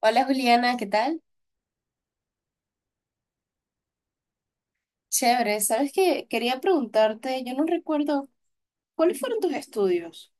Hola, Juliana, ¿qué tal? Chévere. ¿Sabes qué? Quería preguntarte, yo no recuerdo, ¿cuáles fueron tus estudios?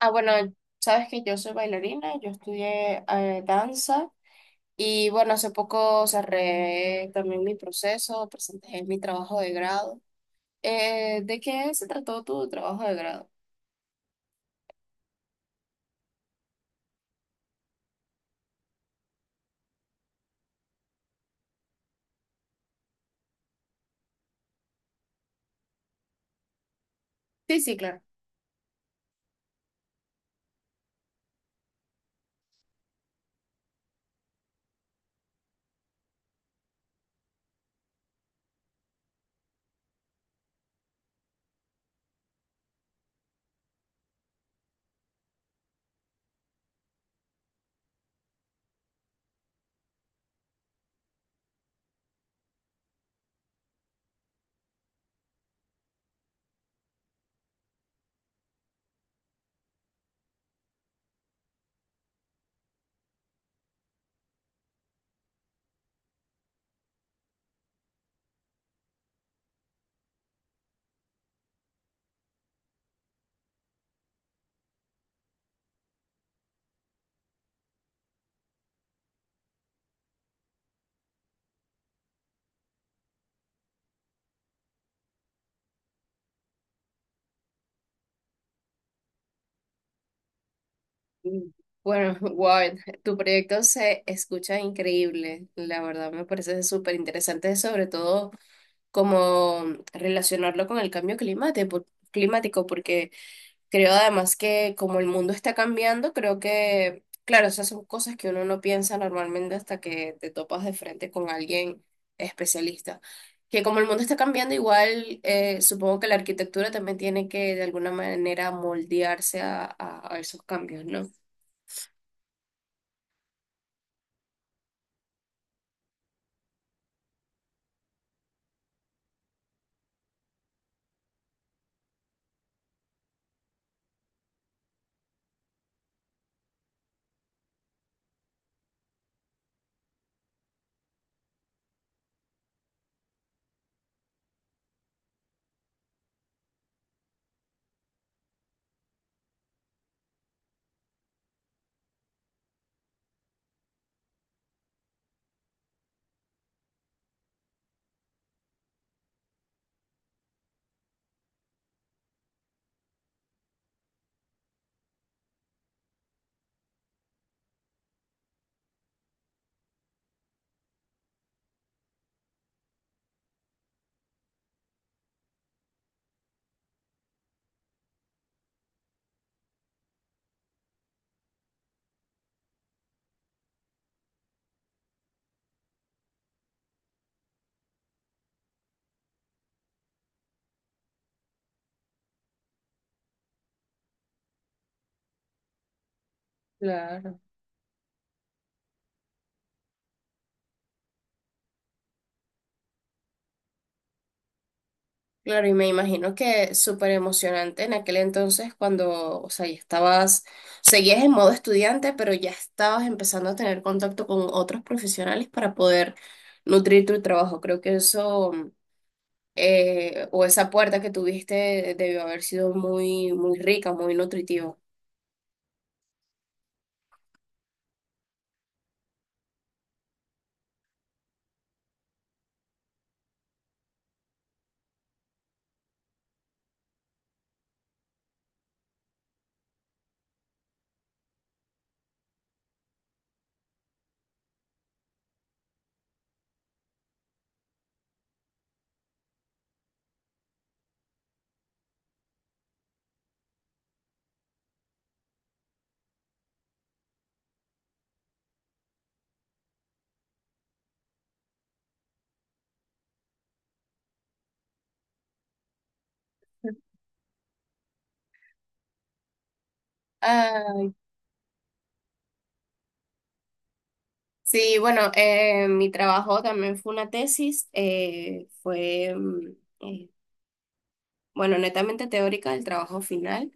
Ah, bueno, sabes que yo soy bailarina, yo estudié danza y bueno, hace poco cerré también mi proceso, presenté mi trabajo de grado. ¿De qué se trató tu trabajo de grado? Sí, sí, claro. Mm, Bueno, wow, tu proyecto se escucha increíble, la verdad me parece súper interesante, sobre todo como relacionarlo con el cambio climático, climático, porque creo además que como el mundo está cambiando, creo que, claro, esas son cosas que uno no piensa normalmente hasta que te topas de frente con alguien especialista. Que como el mundo está cambiando, igual supongo que la arquitectura también tiene que de alguna manera moldearse a esos cambios, ¿no? Claro. Claro, y me imagino que súper emocionante en aquel entonces cuando, o sea, ya estabas, seguías en modo estudiante, pero ya estabas empezando a tener contacto con otros profesionales para poder nutrir tu trabajo. Creo que eso, o esa puerta que tuviste debió haber sido muy, muy rica, muy nutritiva. Ay, sí, bueno, mi trabajo también fue una tesis, bueno, netamente teórica, el trabajo final.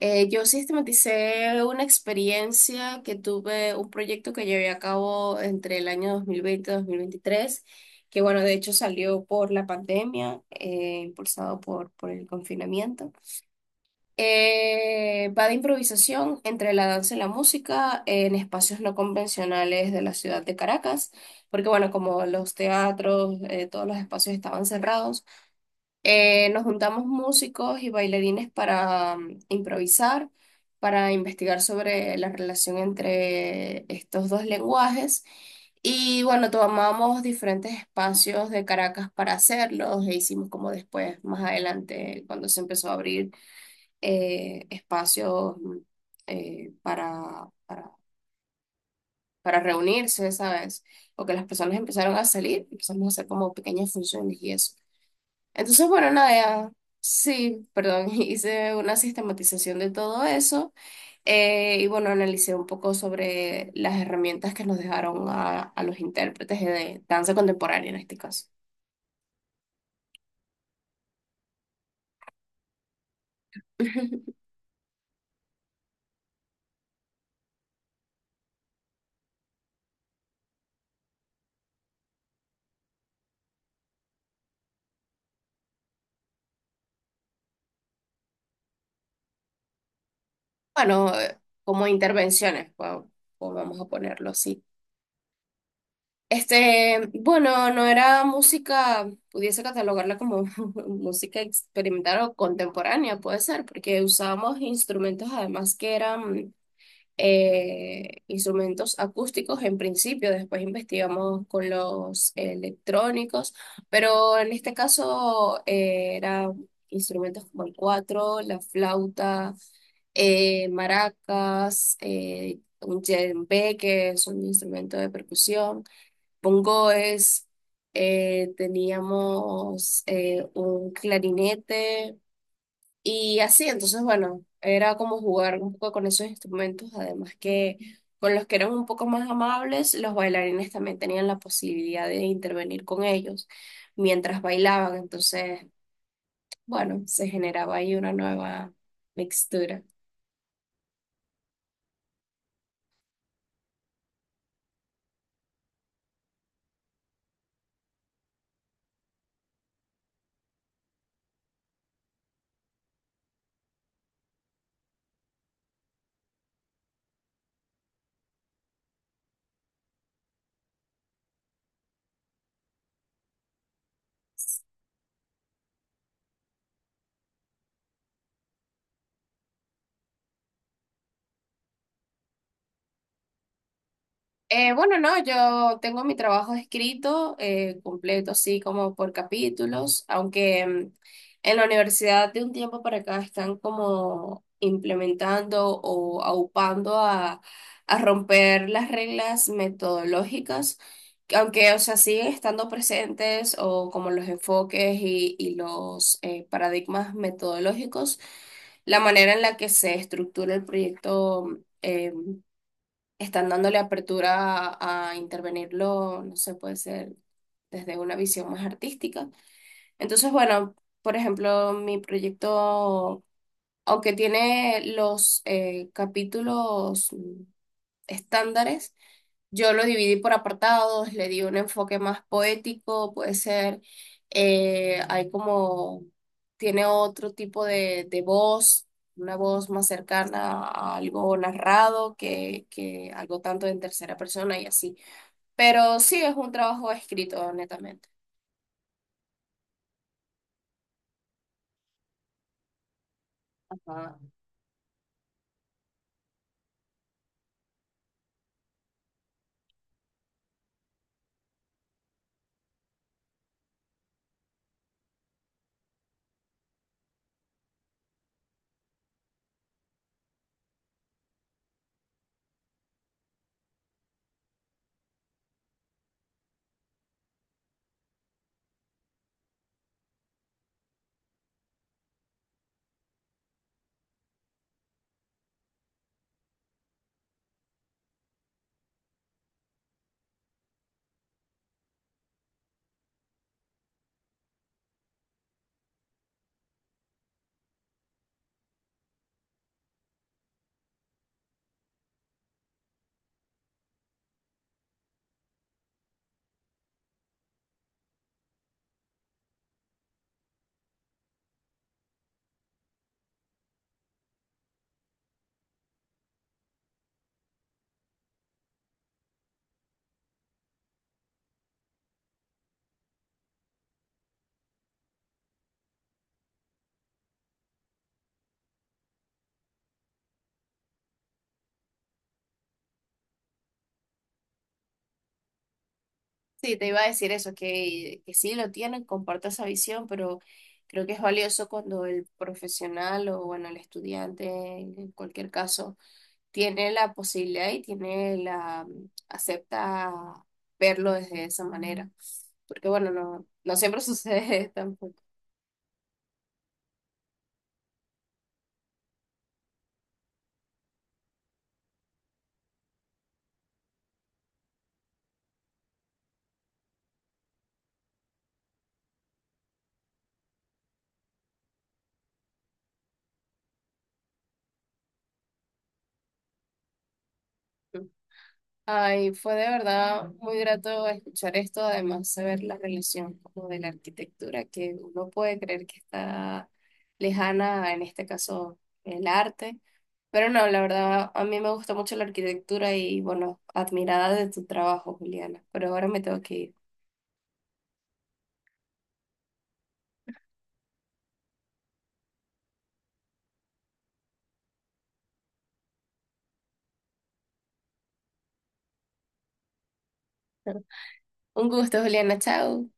Yo sistematicé una experiencia que tuve, un proyecto que llevé a cabo entre el año 2020 y 2023, que bueno, de hecho salió por la pandemia, impulsado por el confinamiento. Va de improvisación entre la danza y la música en espacios no convencionales de la ciudad de Caracas, porque bueno, como los teatros, todos los espacios estaban cerrados. Nos juntamos músicos y bailarines para improvisar, para investigar sobre la relación entre estos dos lenguajes. Y bueno, tomamos diferentes espacios de Caracas para hacerlos e hicimos como después, más adelante, cuando se empezó a abrir espacios eh, para, para, para reunirse, ¿sabes? O que las personas empezaron a salir, empezamos a hacer como pequeñas funciones y eso. Entonces, bueno, nada, sí, perdón, hice una sistematización de todo eso y bueno, analicé un poco sobre las herramientas que nos dejaron a los intérpretes de danza contemporánea en este caso. Bueno, como intervenciones, o vamos a ponerlo así. Este, bueno, no era música, pudiese catalogarla como música experimental o contemporánea, puede ser, porque usábamos instrumentos además que eran instrumentos acústicos en principio, después investigamos con los electrónicos, pero en este caso eran instrumentos como el cuatro, la flauta, maracas, un djembe, que es un instrumento de percusión, bongoes, teníamos un clarinete. Y así, entonces, bueno, era como jugar un poco con esos instrumentos, además que con los que eran un poco más amables, los bailarines también tenían la posibilidad de intervenir con ellos mientras bailaban, entonces, bueno, se generaba ahí una nueva mixtura. Bueno, no, yo tengo mi trabajo escrito, completo, así como por capítulos, aunque en la universidad de un tiempo para acá están como implementando o aupando a romper las reglas metodológicas, que aunque, o sea, siguen estando presentes o como los enfoques y los paradigmas metodológicos, la manera en la que se estructura el proyecto. Están dándole apertura a intervenirlo, no sé, puede ser desde una visión más artística. Entonces, bueno, por ejemplo, mi proyecto, aunque tiene los capítulos estándares, yo lo dividí por apartados, le di un enfoque más poético, puede ser, hay como, tiene otro tipo de voz, una voz más cercana a algo narrado que algo tanto en tercera persona y así. Pero sí es un trabajo escrito, netamente. Ajá. Sí, te iba a decir eso, que sí lo tienen, comparto esa visión, pero creo que es valioso cuando el profesional o, bueno, el estudiante, en cualquier caso tiene la posibilidad y tiene la, acepta verlo desde esa manera. Porque bueno, no, no siempre sucede tampoco. Ay, fue de verdad muy grato escuchar esto, además saber la relación como de la arquitectura, que uno puede creer que está lejana, en este caso el arte, pero no, la verdad a mí me gusta mucho la arquitectura y bueno, admirada de tu trabajo, Juliana, pero ahora me tengo que ir. Un gusto, Juliana, chao.